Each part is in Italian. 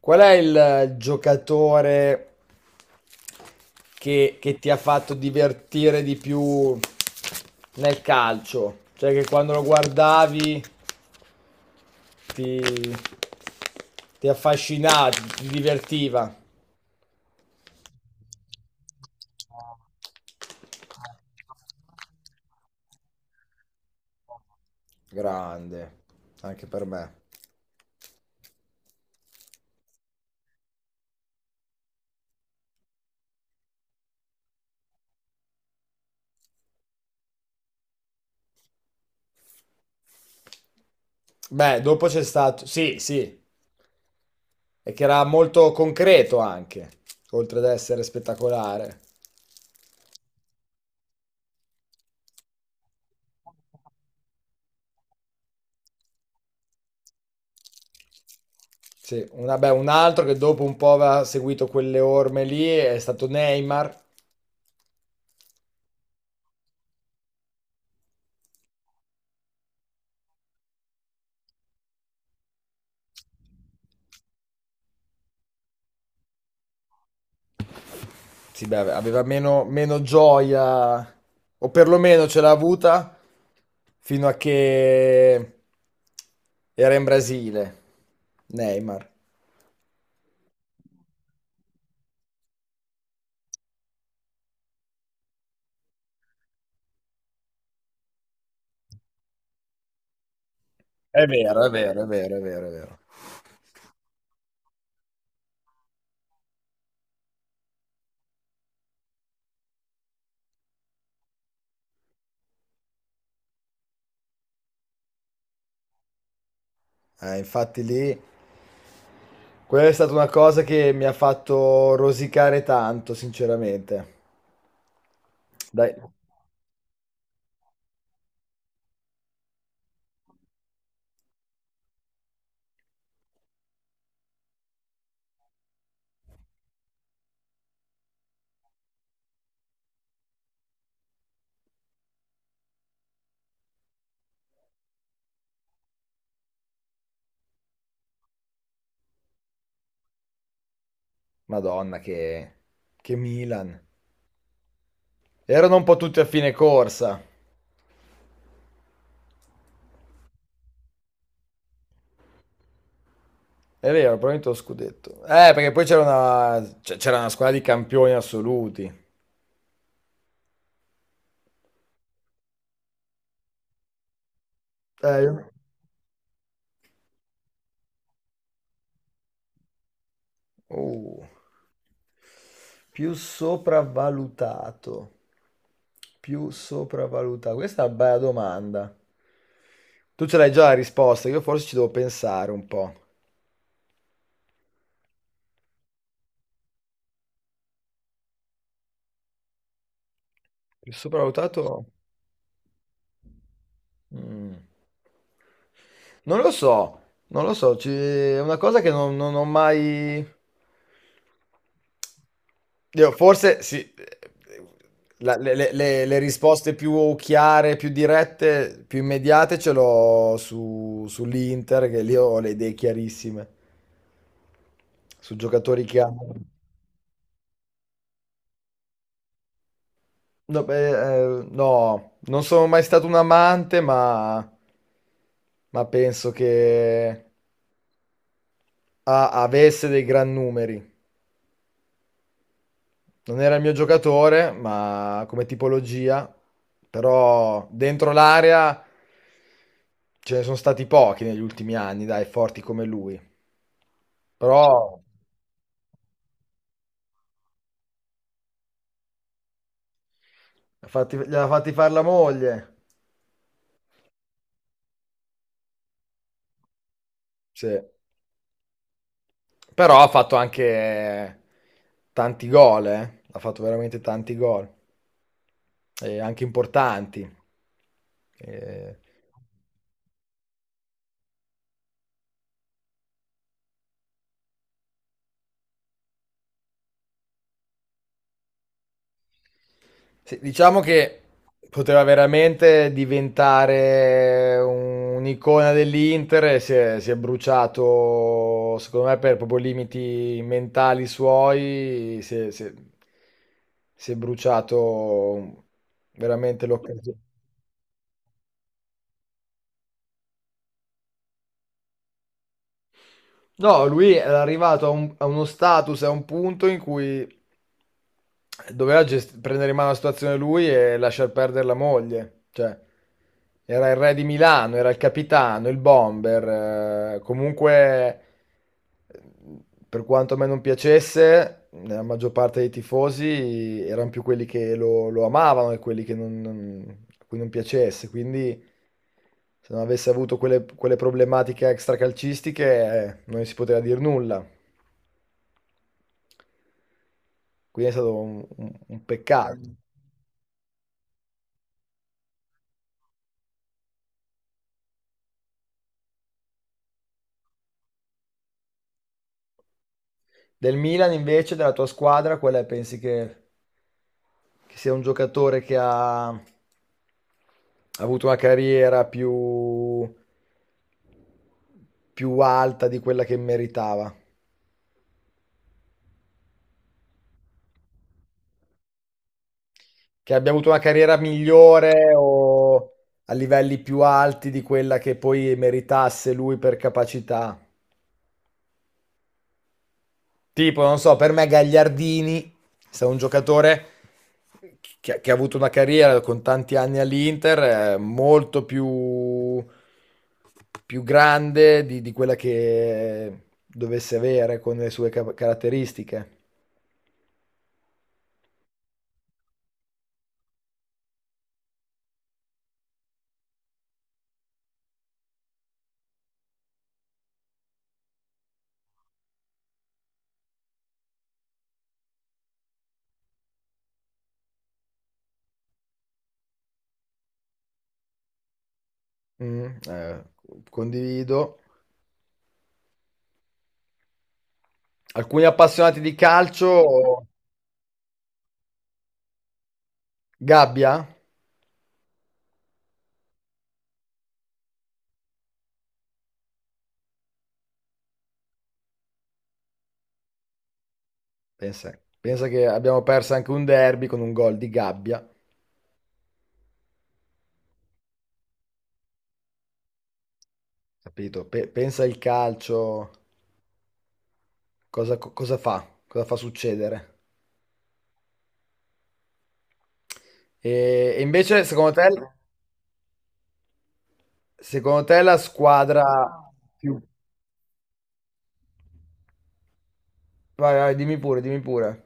Qual è il giocatore che ti ha fatto divertire di più nel calcio? Cioè, che quando lo guardavi ti, ti affascinava, ti divertiva. Grande, anche per me. Beh, dopo c'è stato... Sì, sì, e che era molto concreto anche, oltre ad essere spettacolare. Sì, beh, un altro che dopo un po' aveva seguito quelle orme lì è stato Neymar. Sì, beh, aveva meno, meno gioia, o perlomeno ce l'ha avuta fino a che era in Brasile. Neymar. È vero, è vero, è vero, è vero, è vero. Infatti lì, quella è stata una cosa che mi ha fatto rosicare tanto, sinceramente. Dai, Madonna, che Milan. Erano un po' tutti a fine corsa. È vero, probabilmente lo scudetto. Perché poi c'era c'era una squadra di campioni assoluti. Eh, io- oh. Più sopravvalutato. Più sopravvalutato. Questa è una bella domanda. Tu ce l'hai già la risposta, io forse ci devo pensare un po'. Più sopravvalutato? Mm. Non lo so, non lo so, è una cosa che non ho mai... Io forse sì, le risposte più chiare, più dirette, più immediate ce l'ho su, sull'Inter, che lì ho le idee chiarissime, su giocatori che hanno. No, beh, no, non sono mai stato un amante, ma penso che... Ah, avesse dei gran numeri. Non era il mio giocatore, ma come tipologia, però dentro l'area ce ne sono stati pochi negli ultimi anni, dai, forti come lui. Però li ha fatti fare la moglie. Sì. Però ha fatto anche tanti gol, eh. Ha fatto veramente tanti gol, e anche importanti. Eh, Sì, diciamo che poteva veramente diventare un'icona dell'Inter e si è bruciato, secondo me, per proprio limiti mentali suoi, si è bruciato veramente l'occasione. No, lui era arrivato a uno status, a un punto in cui prendere in mano la situazione lui e lasciar perdere la moglie. Cioè, era il re di Milano, era il capitano, il bomber. Comunque, eh, per quanto a me non piacesse, la maggior parte dei tifosi erano più quelli che lo amavano e quelli che a cui non piacesse. Quindi se non avesse avuto quelle problematiche extracalcistiche, non si poteva dire nulla. Quindi è stato un peccato. Del Milan, invece, della tua squadra, qual è? Pensi che sia un giocatore che ha avuto una carriera più, più alta di quella che meritava? Che abbia avuto una carriera migliore o a livelli più alti di quella che poi meritasse lui per capacità? Tipo, non so, per me Gagliardini è stato un giocatore che ha avuto una carriera con tanti anni all'Inter, molto più, più grande di quella che dovesse avere con le sue caratteristiche. Mm, condivido. Alcuni appassionati di calcio, Gabbia, pensa, pensa che abbiamo perso anche un derby con un gol di Gabbia, capito? Pensa il calcio. Cosa fa? Cosa fa succedere? E invece, secondo te la squadra più... Vai, vai, dimmi pure, dimmi pure.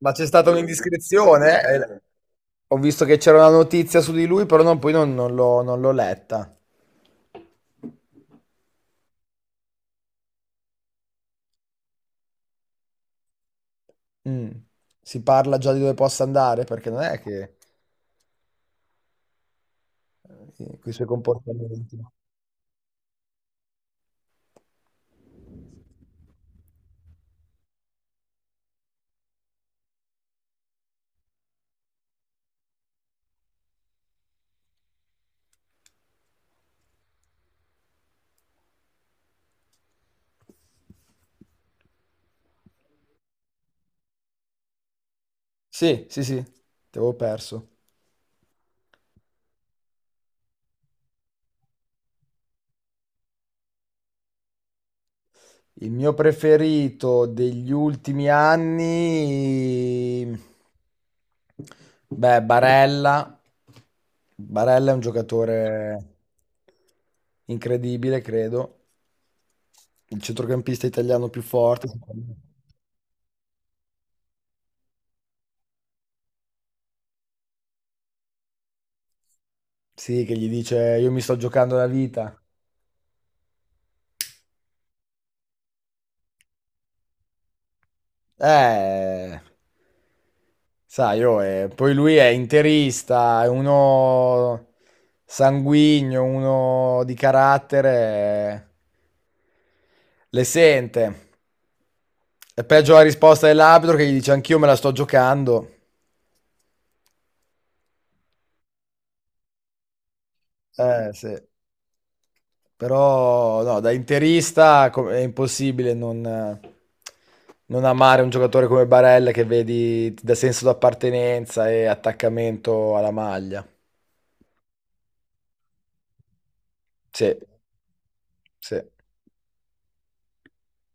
Ma c'è stata un'indiscrezione? Ho visto che c'era una notizia su di lui, però poi non l'ho, non l'ho letta. Mm. Si parla già di dove possa andare, perché non è che... con i suoi comportamenti. Sì, sì, sì, ti avevo perso. Il mio preferito degli ultimi anni, beh, Barella. Barella è un giocatore incredibile, credo. Il centrocampista italiano più forte. Sì, che gli dice io mi sto giocando la vita. Eh. Sai, oh, poi lui è interista, è uno sanguigno, uno di carattere, eh, le sente. È peggio la risposta dell'arbitro che gli dice anch'io me la sto giocando. Sì. Però no, da è impossibile non amare un giocatore come Barella che vedi ti dà senso d'appartenenza e attaccamento alla maglia. Sì, sì.